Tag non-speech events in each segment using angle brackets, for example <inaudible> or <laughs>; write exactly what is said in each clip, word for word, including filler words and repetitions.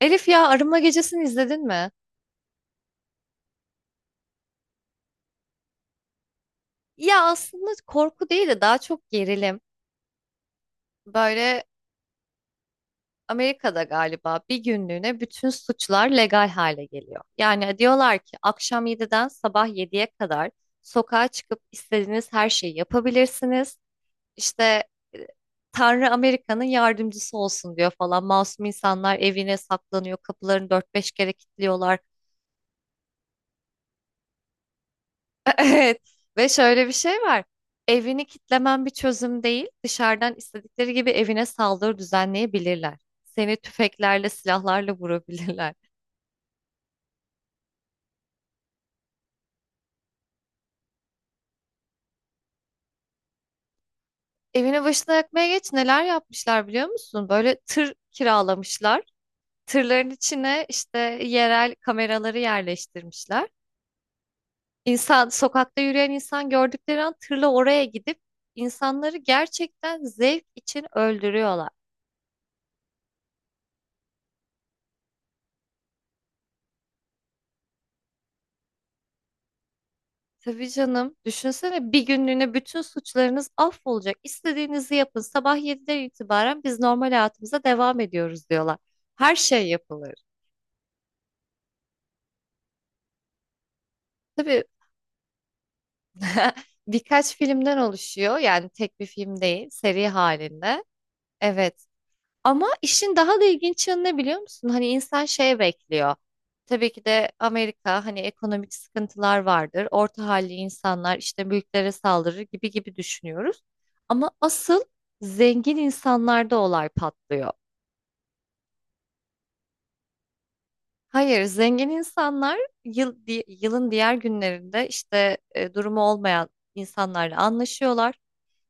Elif, ya Arınma Gecesi'ni izledin mi? Ya aslında korku değil de daha çok gerilim. Böyle Amerika'da galiba bir günlüğüne bütün suçlar legal hale geliyor. Yani diyorlar ki akşam yediden sabah yediye kadar sokağa çıkıp istediğiniz her şeyi yapabilirsiniz. İşte e, Tanrı Amerika'nın yardımcısı olsun diyor falan. Masum insanlar evine saklanıyor, kapılarını dört beş kere kilitliyorlar. <laughs> Evet, ve şöyle bir şey var. Evini kitlemen bir çözüm değil. Dışarıdan istedikleri gibi evine saldırı düzenleyebilirler. Seni tüfeklerle, silahlarla vurabilirler. <laughs> Evine başına yakmaya geç neler yapmışlar biliyor musun? Böyle tır kiralamışlar. Tırların içine işte yerel kameraları yerleştirmişler. İnsan, sokakta yürüyen insan gördükleri an tırla oraya gidip insanları gerçekten zevk için öldürüyorlar. Tabii canım. Düşünsene bir günlüğüne bütün suçlarınız affolacak. İstediğinizi yapın. Sabah yediden itibaren biz normal hayatımıza devam ediyoruz diyorlar. Her şey yapılır. Tabii, <laughs> birkaç filmden oluşuyor. Yani tek bir film değil, seri halinde. Evet, ama işin daha da ilginç yanı ne biliyor musun? Hani insan şeye bekliyor. Tabii ki de Amerika hani ekonomik sıkıntılar vardır. Orta halli insanlar işte mülklere saldırır gibi gibi düşünüyoruz. Ama asıl zengin insanlarda olay patlıyor. Hayır, zengin insanlar yıl, di- yılın diğer günlerinde işte e, durumu olmayan insanlarla anlaşıyorlar.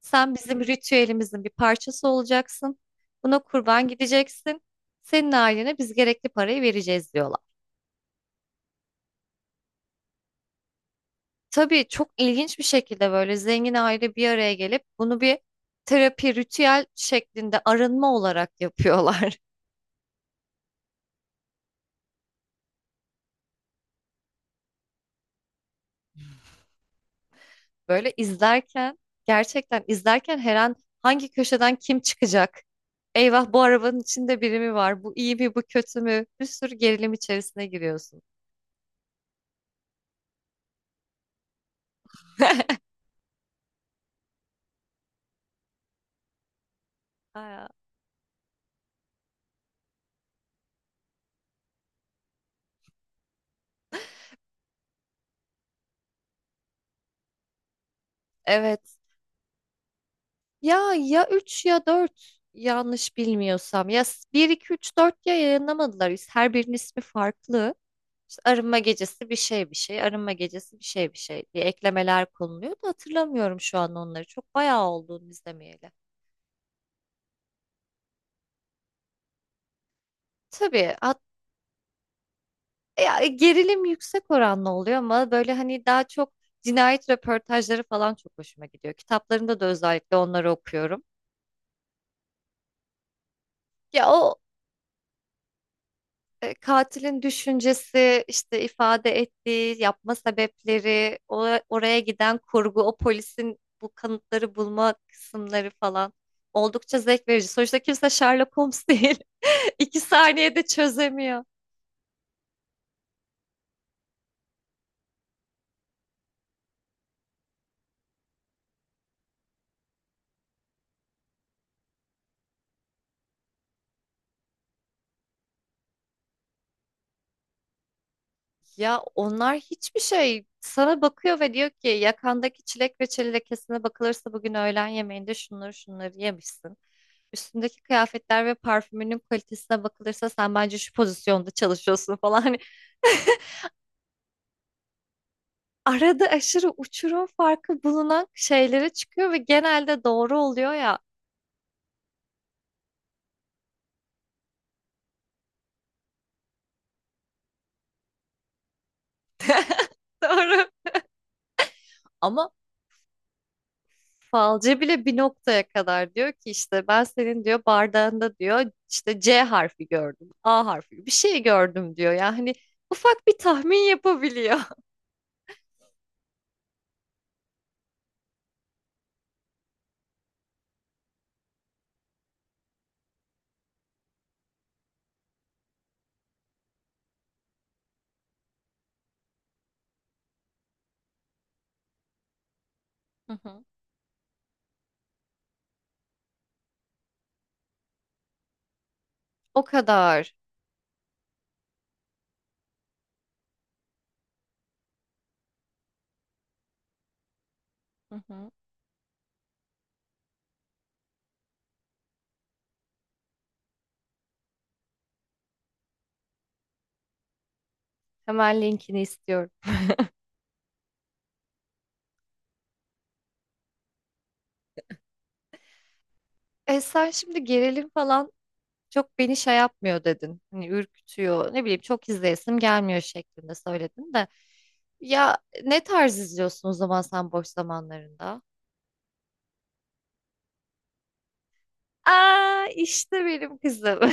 Sen bizim ritüelimizin bir parçası olacaksın. Buna kurban gideceksin. Senin ailene biz gerekli parayı vereceğiz diyorlar. Tabii çok ilginç bir şekilde böyle zengin aile bir araya gelip bunu bir terapi ritüel şeklinde arınma olarak yapıyorlar. <laughs> Böyle izlerken gerçekten izlerken her an hangi köşeden kim çıkacak? Eyvah, bu arabanın içinde biri mi var? Bu iyi mi, bu kötü mü? Bir sürü gerilim içerisine giriyorsun. <laughs> Aya. Evet. Ya ya üç ya dört, yanlış bilmiyorsam. Ya s- bir iki üç dört ya yayınlamadılar. İs- Her birinin ismi farklı. İşte arınma gecesi bir şey bir şey, arınma gecesi bir şey bir şey diye eklemeler konuluyor da hatırlamıyorum şu an onları. Çok bayağı olduğunu izlemeyeli. Tabii hat- Ya, gerilim yüksek oranlı oluyor ama böyle hani daha çok cinayet röportajları falan çok hoşuma gidiyor. Kitaplarında da özellikle onları okuyorum. Ya o e, katilin düşüncesi, işte ifade ettiği, yapma sebepleri, o, oraya giden kurgu, o polisin bu kanıtları bulma kısımları falan oldukça zevk verici. Sonuçta kimse Sherlock Holmes değil. <laughs> İki saniyede çözemiyor. Ya onlar hiçbir şey sana bakıyor ve diyor ki yakandaki çilek ve çeli lekesine bakılırsa bugün öğlen yemeğinde şunları şunları yemişsin. Üstündeki kıyafetler ve parfümünün kalitesine bakılırsa sen bence şu pozisyonda çalışıyorsun falan. Hani <laughs> arada aşırı uçurum farkı bulunan şeylere çıkıyor ve genelde doğru oluyor ya. <laughs> Doğru. Ama falcı bile bir noktaya kadar diyor ki işte ben senin diyor bardağında diyor işte C harfi gördüm, A harfi bir şey gördüm diyor. Yani hani ufak bir tahmin yapabiliyor. <laughs> Hı hı. O kadar. Hı hı. Hemen linkini istiyorum. E sen şimdi gerilim falan çok beni şey yapmıyor dedin. Hani ürkütüyor, ne bileyim çok izleyesim gelmiyor şeklinde söyledin de. Ya ne tarz izliyorsun o zaman sen boş zamanlarında? Aa, işte benim kızım. <laughs>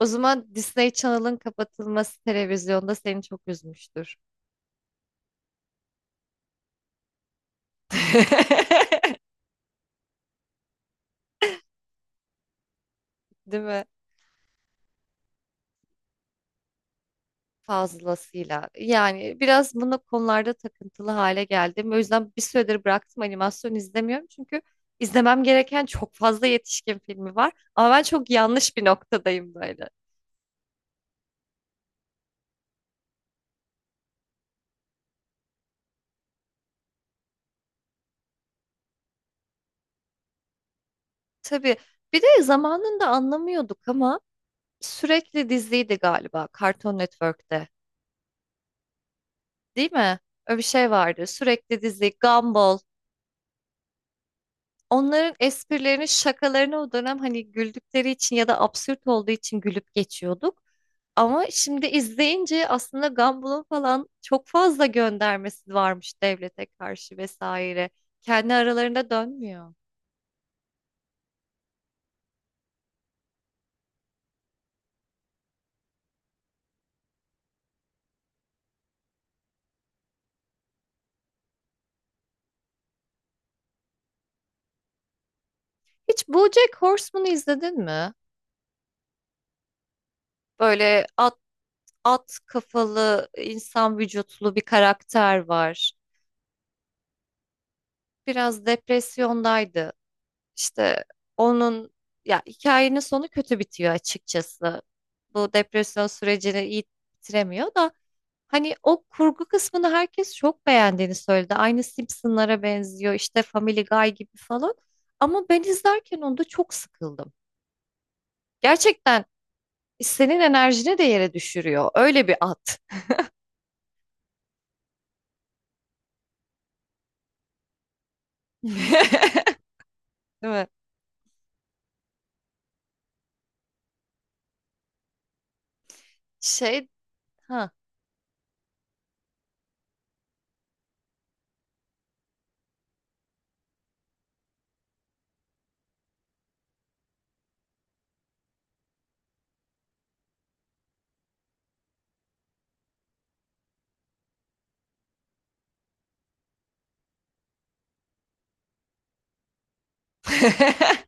O zaman Disney Channel'ın kapatılması televizyonda seni çok üzmüştür. <laughs> Değil mi? Fazlasıyla. Yani biraz bunu konularda takıntılı hale geldim. O yüzden bir süredir bıraktım, animasyon izlemiyorum. Çünkü izlemem gereken çok fazla yetişkin filmi var. Ama ben çok yanlış bir noktadayım böyle. Tabii. Bir de zamanında anlamıyorduk ama sürekli diziydi galiba Cartoon Network'te. Değil mi? Öyle bir şey vardı. Sürekli dizi, Gumball. Onların esprilerini, şakalarını o dönem hani güldükleri için ya da absürt olduğu için gülüp geçiyorduk. Ama şimdi izleyince aslında Gumball'ın falan çok fazla göndermesi varmış devlete karşı vesaire. Kendi aralarında dönmüyor. Hiç BoJack Horseman'ı izledin mi? Böyle at, at kafalı, insan vücutlu bir karakter var. Biraz depresyondaydı. İşte onun, ya hikayenin sonu kötü bitiyor açıkçası. Bu depresyon sürecini iyi bitiremiyor da hani o kurgu kısmını herkes çok beğendiğini söyledi. Aynı Simpsonlara benziyor, işte Family Guy gibi falan. Ama ben izlerken onda çok sıkıldım. Gerçekten senin enerjini de yere düşürüyor. Öyle bir at. <laughs> Değil mi? Şey ha. <laughs>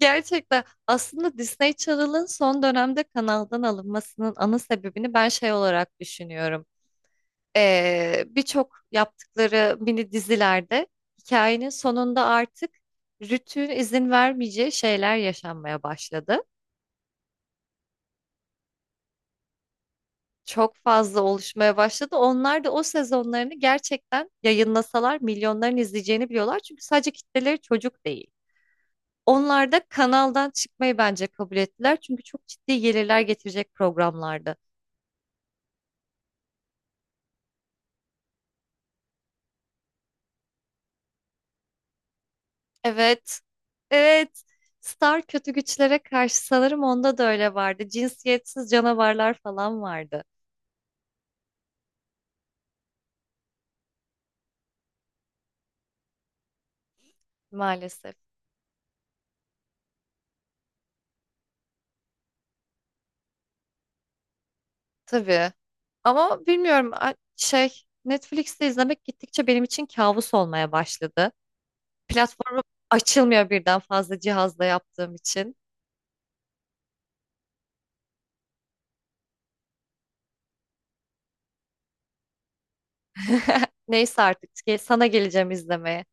Gerçekten aslında Disney Channel'ın son dönemde kanaldan alınmasının ana sebebini ben şey olarak düşünüyorum. Ee, birçok yaptıkları mini dizilerde hikayenin sonunda artık rütüğün izin vermeyeceği şeyler yaşanmaya başladı. Çok fazla oluşmaya başladı. Onlar da o sezonlarını gerçekten yayınlasalar milyonların izleyeceğini biliyorlar. Çünkü sadece kitleleri çocuk değil. Onlar da kanaldan çıkmayı bence kabul ettiler. Çünkü çok ciddi gelirler getirecek programlardı. Evet. Evet. Star kötü güçlere karşı sanırım onda da öyle vardı. Cinsiyetsiz canavarlar falan vardı maalesef. Tabii. Ama bilmiyorum a- şey Netflix'te izlemek gittikçe benim için kabus olmaya başladı. Platformu açılmıyor birden fazla cihazla yaptığım için. <laughs> Neyse artık ge- sana geleceğim izlemeye.